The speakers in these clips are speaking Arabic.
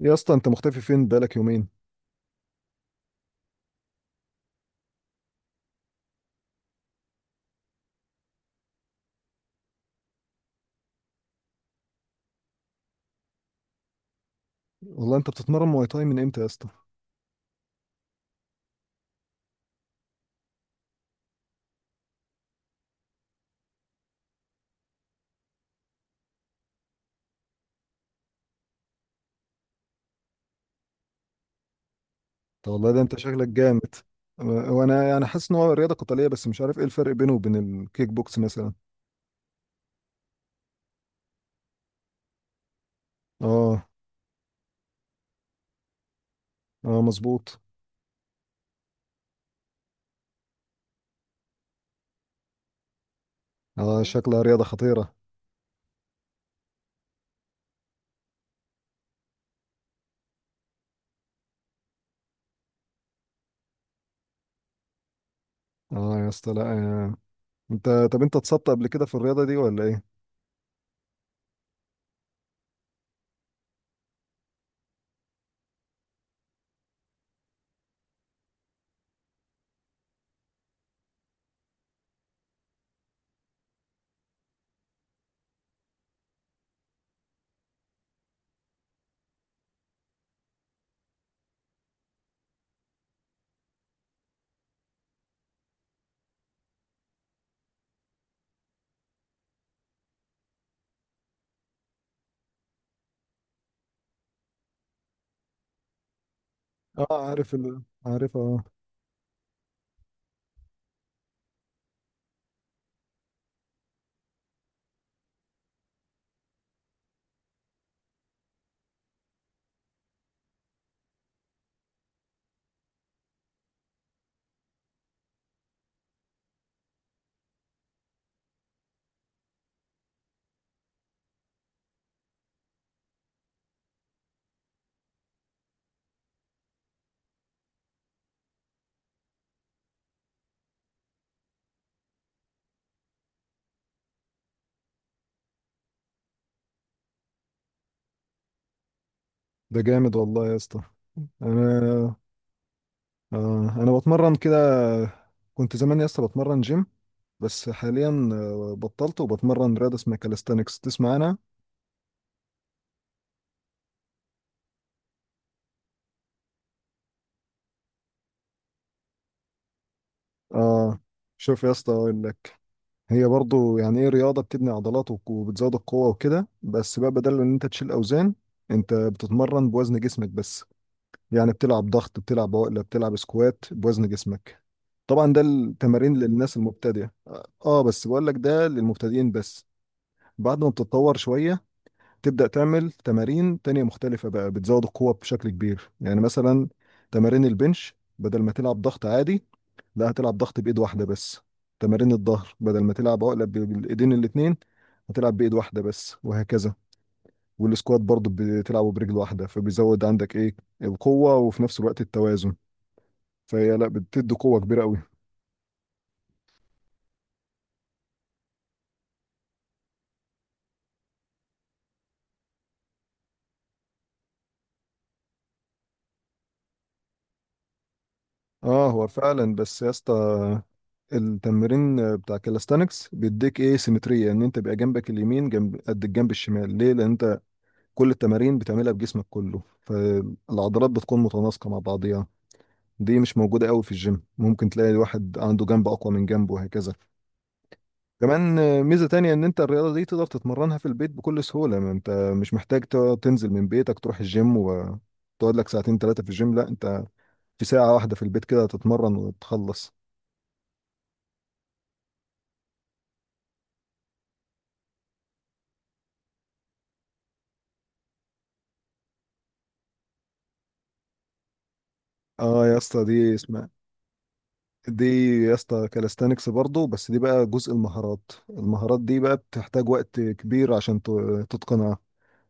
يا اسطى انت مختفي فين بقالك يومين؟ والله انت بتتمرن مواي تاي من امتى يا اسطى؟ طب والله ده انت شكلك جامد. وانا يعني حاسس ان هو رياضه قتاليه بس مش عارف ايه الفرق بينه وبين الكيك بوكس مثلا. اه. اه، مظبوط. اه، شكلها رياضه خطيره. اه يا اسطى، لا آه. طب انت اتصبت قبل كده في الرياضه دي ولا ايه؟ اه، عارف، اه. ده جامد والله يا اسطى. انا انا بتمرن كده. كنت زمان يا اسطى بتمرن جيم. بس حاليا بطلت وبتمرن رياضه اسمها كاليستانكس، تسمع انا؟ اه. شوف يا اسطى، اقول لك. هي برضو يعني ايه رياضه بتبني عضلات وبتزود القوه وكده، بس بقى بدل ان انت تشيل اوزان، انت بتتمرن بوزن جسمك بس. يعني بتلعب ضغط، بتلعب عقله، بتلعب سكوات بوزن جسمك. طبعا ده التمارين للناس المبتدئه، بس بقول لك ده للمبتدئين بس. بعد ما بتتطور شويه تبدأ تعمل تمارين تانية مختلفة بقى، بتزود القوة بشكل كبير، يعني مثلا تمارين البنش بدل ما تلعب ضغط عادي، لا، هتلعب ضغط بإيد واحدة بس. تمارين الظهر بدل ما تلعب عقلة بالإيدين الاتنين، هتلعب بإيد واحدة بس، وهكذا. والسكوات برضه بتلعبه برجل واحدة، فبيزود عندك إيه؟ القوة وفي نفس الوقت التوازن. فهي لا، بتدي قوة كبيرة قوي. اه، هو فعلا، بس يا اسطى التمرين بتاع كالستانكس بيديك ايه؟ سيمترية، ان انت بيبقى جنبك اليمين جنب قد الجنب الشمال، ليه؟ لان انت كل التمارين بتعملها بجسمك كله، فالعضلات بتكون متناسقة مع بعضيها. دي مش موجودة قوي في الجيم، ممكن تلاقي الواحد عنده جنب أقوى من جنبه وهكذا. كمان ميزة تانية إن أنت الرياضة دي تقدر تتمرنها في البيت بكل سهولة. ما أنت مش محتاج تقعد تنزل من بيتك تروح الجيم وتقعد لك ساعتين ثلاثة في الجيم، لا، أنت في ساعة واحدة في البيت كده تتمرن وتخلص. اه يا اسطى، دي يا اسطى كالستانكس برضه، بس دي بقى جزء المهارات دي بقى بتحتاج وقت كبير عشان تتقنها.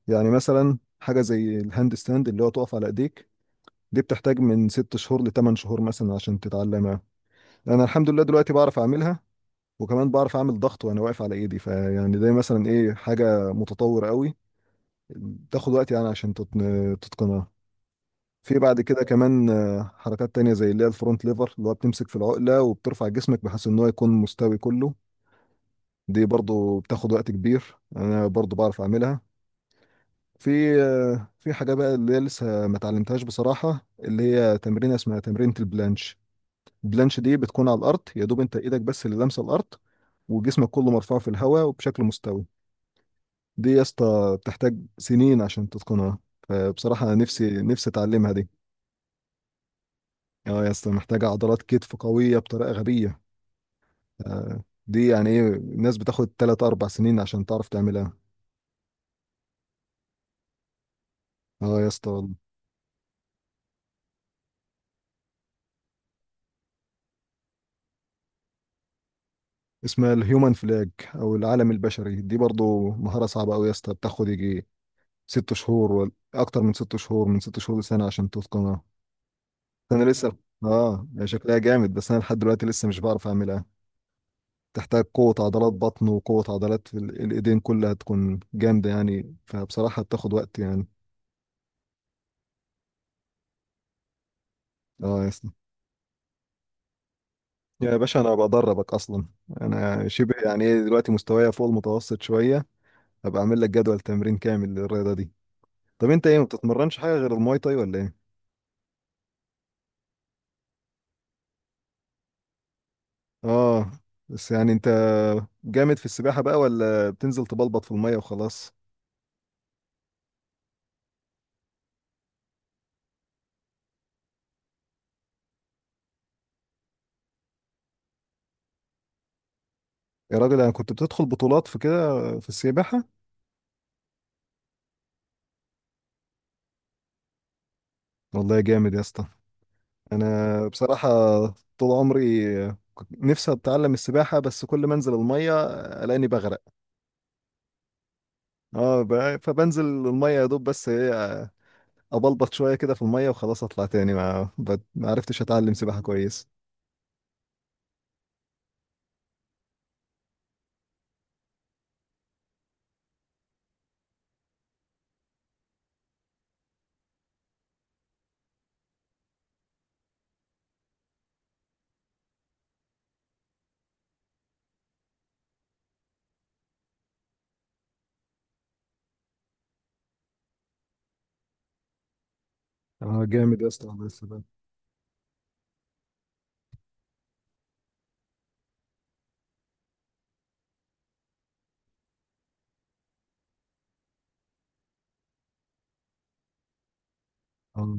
يعني مثلا حاجة زي الهاند ستاند اللي هو تقف على ايديك، دي بتحتاج من 6 شهور ل8 شهور مثلا عشان تتعلمها. انا الحمد لله دلوقتي بعرف اعملها. وكمان بعرف اعمل ضغط وانا واقف على ايدي، فيعني ده مثلا ايه، حاجة متطورة قوي، تاخد وقت يعني عشان تتقنها. في بعد كده كمان حركات تانية زي اللي هي الفرونت ليفر، اللي هو بتمسك في العقلة وبترفع جسمك بحيث ان هو يكون مستوي كله. دي برضو بتاخد وقت كبير، انا برضو بعرف اعملها. في حاجة بقى اللي هي لسه ما اتعلمتهاش بصراحة، اللي هي تمرينة اسمها تمرينة البلانش. البلانش دي بتكون على الأرض، يا دوب أنت إيدك بس اللي لامسة الأرض، وجسمك كله مرفوع في الهواء وبشكل مستوي. دي يا اسطى بتحتاج سنين عشان تتقنها، فبصراحة أنا نفسي نفسي أتعلمها دي. اه يا اسطى، محتاجة عضلات كتف قوية بطريقة غبية. دي يعني إيه، الناس بتاخد 3 4 سنين عشان تعرف تعملها. اه يا اسطى. اسمها الهيومن فلاج او العالم البشري، دي برضو مهارة صعبة قوي يا اسطى، بتاخد يجي ست شهور ولا اكتر من ست شهور لسنة عشان تتقنها. انا لسه اه، هي شكلها جامد، بس انا لحد دلوقتي لسه مش بعرف اعملها. تحتاج قوة عضلات بطن وقوة عضلات في الايدين كلها تكون جامدة يعني، فبصراحة بتاخد وقت يعني. اه يا اسطى. يا باشا انا بدربك اصلا. انا شبه يعني ايه، دلوقتي مستوايا فوق المتوسط شوية. هبقى اعمل لك جدول تمرين كامل للرياضة دي. طب انت ايه، ما بتتمرنش حاجة غير الماي تاي ولا ايه؟ اه، بس يعني انت جامد في السباحة بقى، ولا بتنزل تبلبط في المية وخلاص؟ يا راجل انا كنت بتدخل بطولات في كده، في السباحة. والله جامد يا اسطى. انا بصراحة طول عمري كنت نفسي اتعلم السباحة، بس كل ما انزل المية الاقيني بغرق. اه، فبنزل المية يا دوب، بس ايه، ابلبط شوية كده في المية وخلاص اطلع تاني، ما عرفتش اتعلم سباحة كويس. اه جامد يا اسطى، والله السباحة. اه.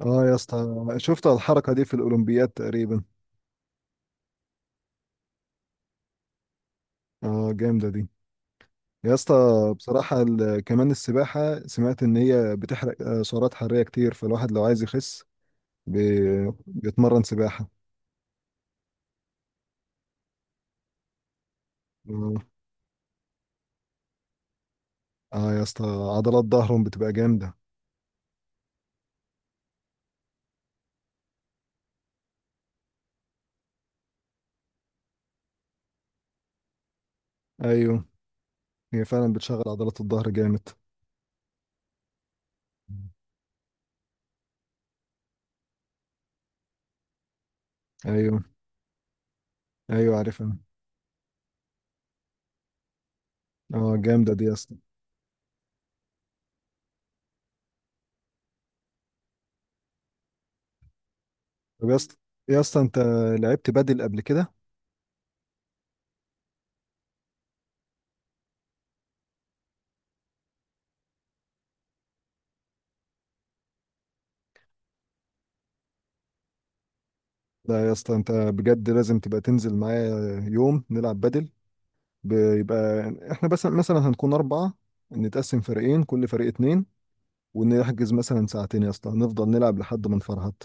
اه يا اسطى، شفت الحركة دي في الأولمبياد تقريبا. اه جامدة دي يا اسطى. بصراحة كمان السباحة، سمعت إن هي بتحرق سعرات حرارية كتير، فالواحد لو عايز يخس بيتمرن سباحة. اه. آه يا اسطى، عضلات ظهرهم بتبقى جامدة. أيوه. هي فعلا بتشغل عضلات الظهر جامد. أيوه. أيوه، عارفها. اه جامدة دي يا اسطى. طب يا اسطى، يا اسطى، أنت لعبت بدل قبل كده؟ لا يا اسطى، أنت بجد لازم تبقى تنزل معايا يوم نلعب بدل. بيبقى احنا بس مثلا هنكون 4، نتقسم فريقين، كل فريق 2، ونحجز مثلا ساعتين يا اسطى نفضل نلعب لحد ما نفرهد.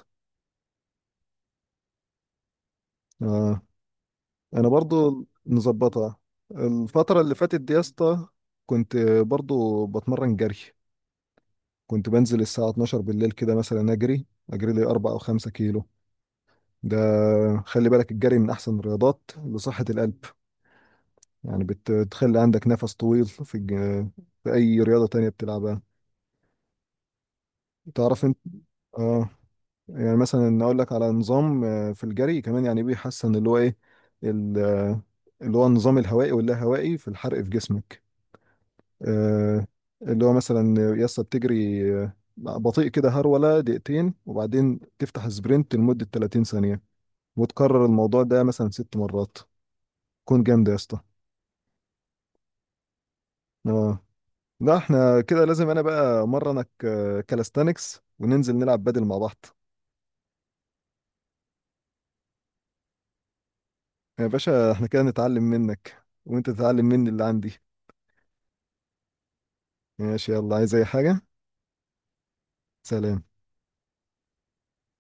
آه. أنا برضو نظبطها. الفترة اللي فاتت دي يا اسطى كنت برضو بتمرن جري. كنت بنزل الساعة 12 بالليل كده مثلا، أجري لي 4 أو 5 كيلو. ده خلي بالك، الجري من أحسن الرياضات لصحة القلب. يعني بتخلي عندك نفس طويل في أي رياضة تانية بتلعبها، تعرف أنت. آه، يعني مثلا اقول لك على نظام في الجري كمان، يعني بيحسن اللي هو ايه، ال- آه، اللي هو النظام الهوائي واللاهوائي في الحرق في جسمك. آه، اللي هو مثلا يسطا بتجري بطيء كده هرولة دقيقتين، وبعدين تفتح سبرنت لمدة 30 ثانية، وتكرر الموضوع ده مثلا 6 مرات، كون جامد يا اسطى. اه. لا احنا كده لازم انا بقى مرنك كالستانكس، وننزل نلعب بدل مع بعض. يا باشا احنا كده نتعلم منك، وانت تتعلم مني اللي عندي. ماشي، يلا، عايز اي حاجة؟ سلام.